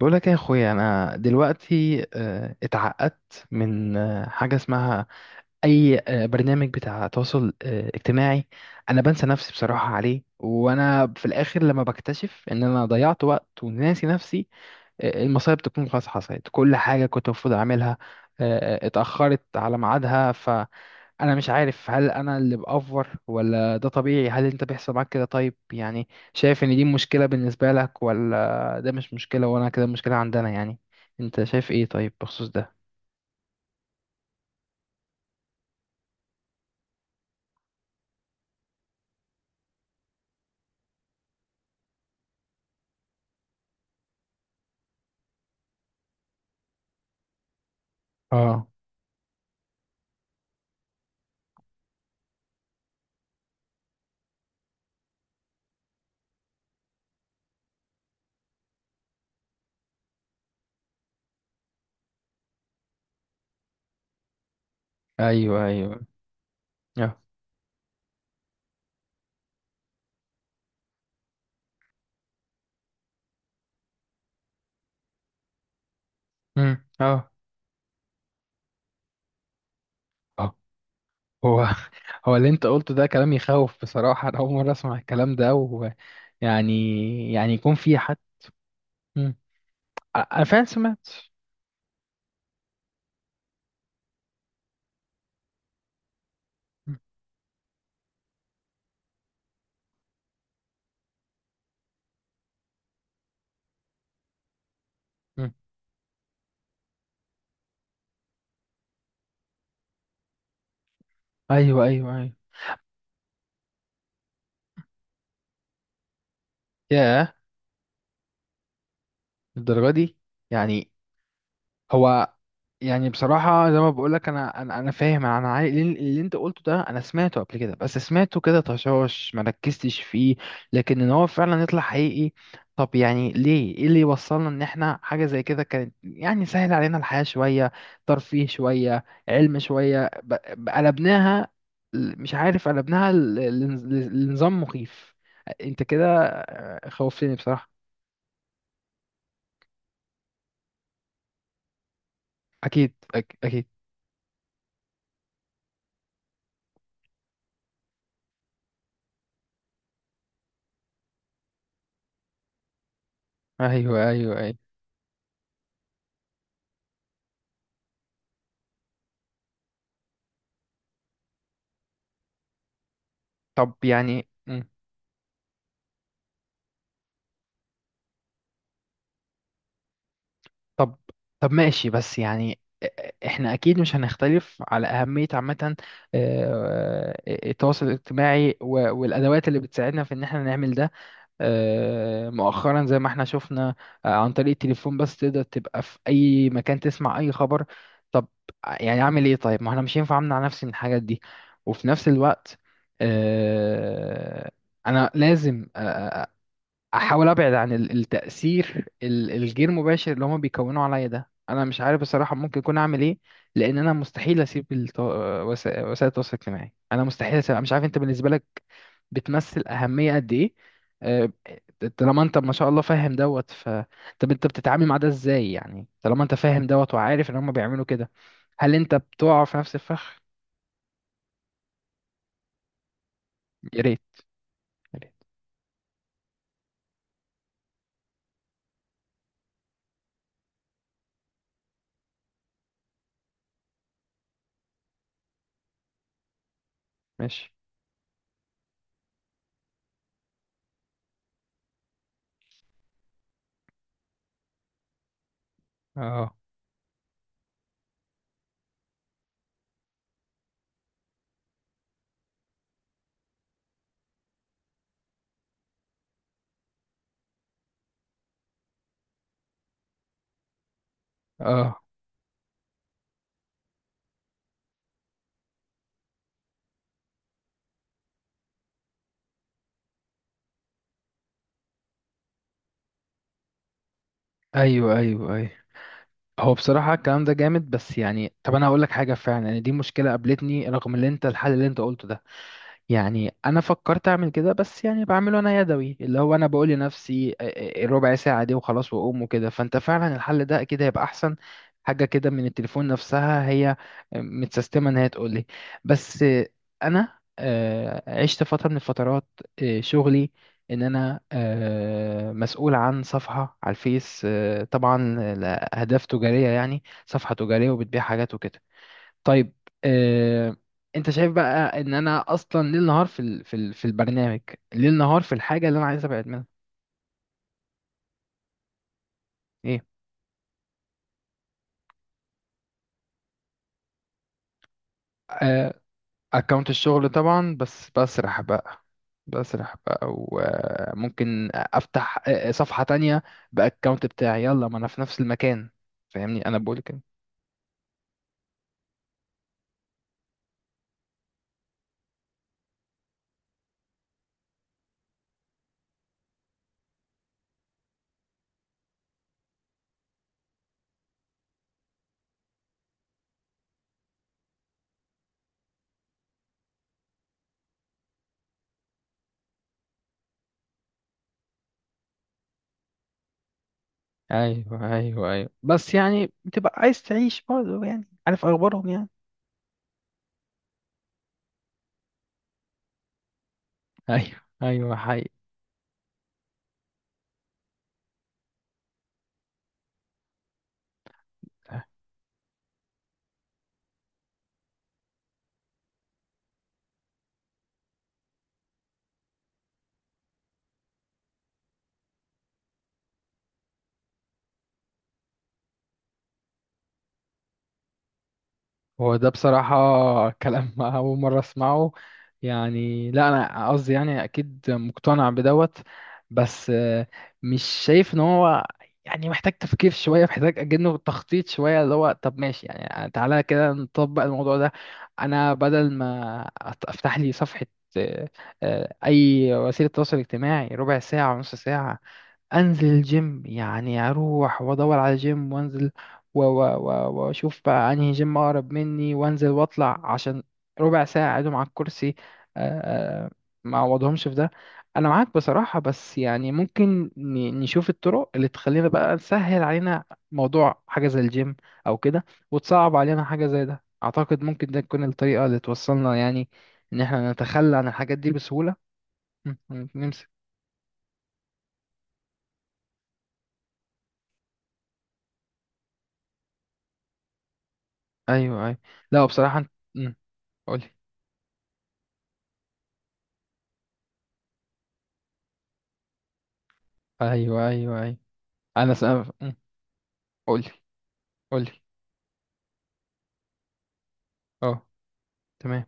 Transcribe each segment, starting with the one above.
بقول لك إيه يا اخويا، انا دلوقتي اتعقدت من حاجه اسمها اي برنامج بتاع تواصل اجتماعي. انا بنسى نفسي بصراحه عليه، وانا في الاخر لما بكتشف ان انا ضيعت وقت وناسي نفسي المصايب تكون خلاص حصلت. كل حاجه كنت المفروض اعملها اتاخرت على ميعادها. انا مش عارف، هل انا اللي بأفور ولا ده طبيعي؟ هل انت بيحصل معاك كده؟ طيب يعني شايف ان دي مشكلة بالنسبة لك ولا ده مش مشكلة وانا كده مشكلة عندنا يعني؟ انت شايف ايه طيب بخصوص ده؟ اه. ايوه ايوه. اه. اه. اه. هو هو اللي انت قلته ده كلام يخوف بصراحة. انا اول مرة اسمع الكلام ده، ويعني يعني يكون في حد. مم. انا فعلا سمعت. مم. مم. ايوه ايوه ايوه. ياه. الدرجة دي؟ يعني. هو يعني بصراحة زي ما بقولك، أنا فاهم. أنا عاي... اللي أنت قلته ده أنا سمعته قبل كده، بس سمعته كده طشاش، مركزتش فيه. لكن إن هو فعلا يطلع حقيقي! طب يعني ليه؟ إيه اللي يوصلنا إن إحنا حاجة زي كده كانت يعني سهل علينا الحياة شوية، ترفيه شوية، علم شوية، ب... قلبناها، مش عارف، قلبناها ل... ل... لنظام مخيف. أنت كده خوفتني بصراحة. أكيد، أك... أكيد. أيوه أيوه أيوه. طب يعني. طب طب ماشي، بس يعني احنا اكيد مش هنختلف على اهمية عامة التواصل الاجتماعي، والادوات اللي بتساعدنا في ان احنا نعمل ده. مؤخرا زي ما احنا شفنا عن طريق التليفون بس تقدر تبقى في اي مكان، تسمع اي خبر. طب يعني اعمل ايه طيب؟ ما احنا مش ينفع امنع نفسي من الحاجات دي، وفي نفس الوقت آه، انا لازم احاول ابعد عن التاثير الغير مباشر اللي هما بيكونوا عليا ده. انا مش عارف بصراحه ممكن اكون اعمل ايه. لان انا مستحيل اسيب وسائل التواصل الاجتماعي. انا مستحيل اسيب. أنا مش عارف انت بالنسبه لك بتمثل اهميه قد ايه؟ أه، طالما انت ما شاء الله فاهم دوت، ف طب انت بتتعامل مع ده ازاي يعني؟ طالما انت فاهم دوت وعارف ان هما بيعملوا كده، هل انت بتقع في نفس الفخ؟ يا ريت، يا ريت. ماشي. اه. اه. ايوه ايوه ايوه. هو بصراحة الكلام ده جامد. بس يعني طب أنا هقول لك حاجة فعلا، يعني دي مشكلة قابلتني رغم اللي أنت... الحل اللي أنت قلته ده، يعني انا فكرت اعمل كده، بس يعني بعمله انا يدوي. اللي هو انا بقول لنفسي الربع ساعه دي وخلاص واقوم وكده. فانت فعلا الحل ده اكيد هيبقى احسن، حاجه كده من التليفون نفسها هي متسيستمه ان هي تقول لي. بس انا عشت فتره من الفترات شغلي، ان انا مسؤول عن صفحه على الفيس طبعا لاهداف تجاريه، يعني صفحه تجاريه وبتبيع حاجات وكده. طيب آه، انت شايف بقى ان انا اصلا ليل نهار في ال... في ال... في البرنامج. ليل نهار في الحاجه اللي انا عايز ابعد منها. ايه. آه، اكونت الشغل طبعا، بس بسرح بقى. بسرح بقى، وممكن افتح صفحه تانية، باكونت بتاعي، يلا ما انا في نفس المكان. فاهمني؟ انا بقول كده. ايوه ايوه ايوه، بس يعني بتبقى عايز تعيش برضه، يعني عارف اخبارهم يعني. ايوه ايوه، حقيقي. هو ده بصراحة كلام أول مرة أسمعه. يعني لا، أنا قصدي يعني أكيد مقتنع بدوت. بس مش شايف إن هو يعني محتاج تفكير شوية، محتاج أجنه تخطيط شوية. اللي هو طب ماشي، يعني تعالى كده نطبق الموضوع ده. أنا بدل ما أفتح لي صفحة آه، أي وسيلة تواصل اجتماعي ربع ساعة ونص ساعة، انزل الجيم، يعني اروح وادور على جيم وانزل، واشوف بقى انهي جيم اقرب مني، وانزل واطلع عشان ربع ساعة اقعدهم على الكرسي آه، آه، ما اعوضهمش في ده. انا معاك بصراحة، بس يعني ممكن نشوف الطرق اللي تخلينا بقى تسهل علينا موضوع حاجة زي الجيم او كده، وتصعب علينا حاجة زي ده. اعتقد ممكن ده تكون الطريقة اللي توصلنا يعني ان احنا نتخلى عن الحاجات دي بسهولة. نمسك. ايوه ايوه. لا بصراحة. قولي. ايوه ايوه ايوه. انا سأف... أم. قولي، قولي. اه. تمام.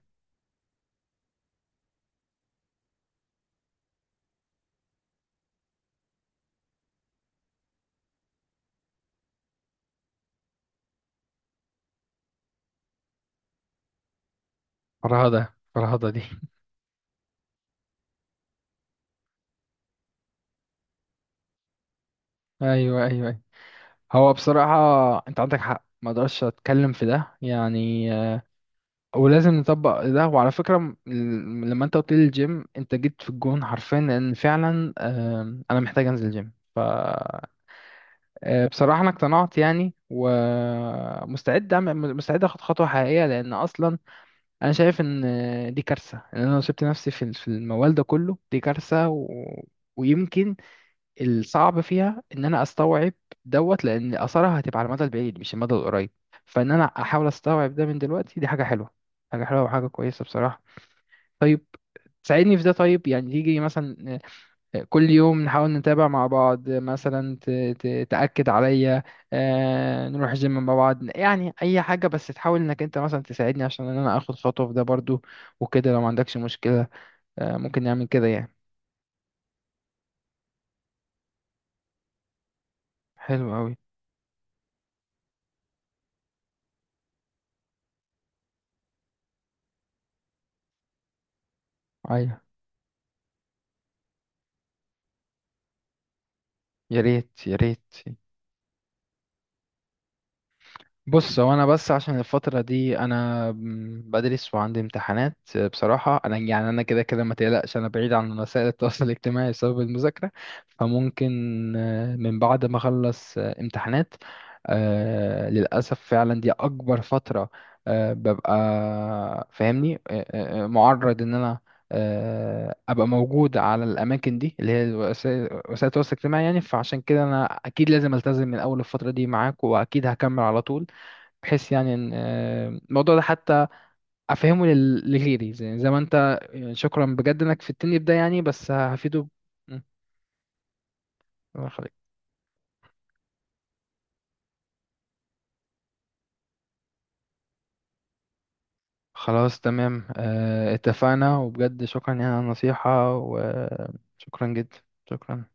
فرهدة، فرهدة دي. ايوه ايوه ايوه. هو بصراحة انت عندك حق، ما اقدرش اتكلم في ده يعني ولازم نطبق ده. وعلى فكرة لما انت قلت لي الجيم، انت جيت في الجون حرفيا، لان فعلا انا محتاج انزل الجيم. ف بصراحة انا اقتنعت يعني، ومستعد اعمل، مستعد اخد خطوة حقيقية. لان اصلا انا شايف ان دي كارثه، ان انا لو سبت نفسي في الموال ده كله دي كارثه. و... ويمكن الصعب فيها ان انا استوعب دوت، لان اثرها هتبقى على المدى البعيد مش المدى القريب. فان انا احاول استوعب ده من دلوقتي، دي حاجه حلوه. حاجه حلوه وحاجه كويسه بصراحه. طيب، ساعدني في ده طيب. يعني تيجي مثلا كل يوم نحاول نتابع مع بعض، مثلا تأكد عليا نروح جيم مع بعض، يعني أي حاجة، بس تحاول إنك أنت مثلا تساعدني عشان إن أنا آخد خطوة في ده برضو. وكده لو ما عندكش مشكلة ممكن نعمل كده يعني. حلو أوي. أيوة. يا ريت، يا ريت. بص، هو انا بس عشان الفترة دي انا بدرس وعندي امتحانات. بصراحة انا يعني انا كده كده ما تقلقش، انا بعيد عن وسائل التواصل الاجتماعي بسبب المذاكرة. فممكن من بعد ما اخلص امتحانات. للأسف فعلا دي اكبر فترة ببقى، فاهمني، معرض ان انا ابقى موجود على الاماكن دي اللي هي وسائل التواصل الاجتماعي يعني. فعشان كده انا اكيد لازم التزم من اول الفترة دي معاك، واكيد هكمل على طول، بحيث يعني ان الموضوع ده حتى افهمه لغيري، زي ما انت، يعني شكرا بجد انك فدتني بده، يعني بس هفيده. مم. الله يخليك. خلاص تمام، اتفقنا، وبجد شكرا يعني على النصيحة، وشكرا جدا. شكرا.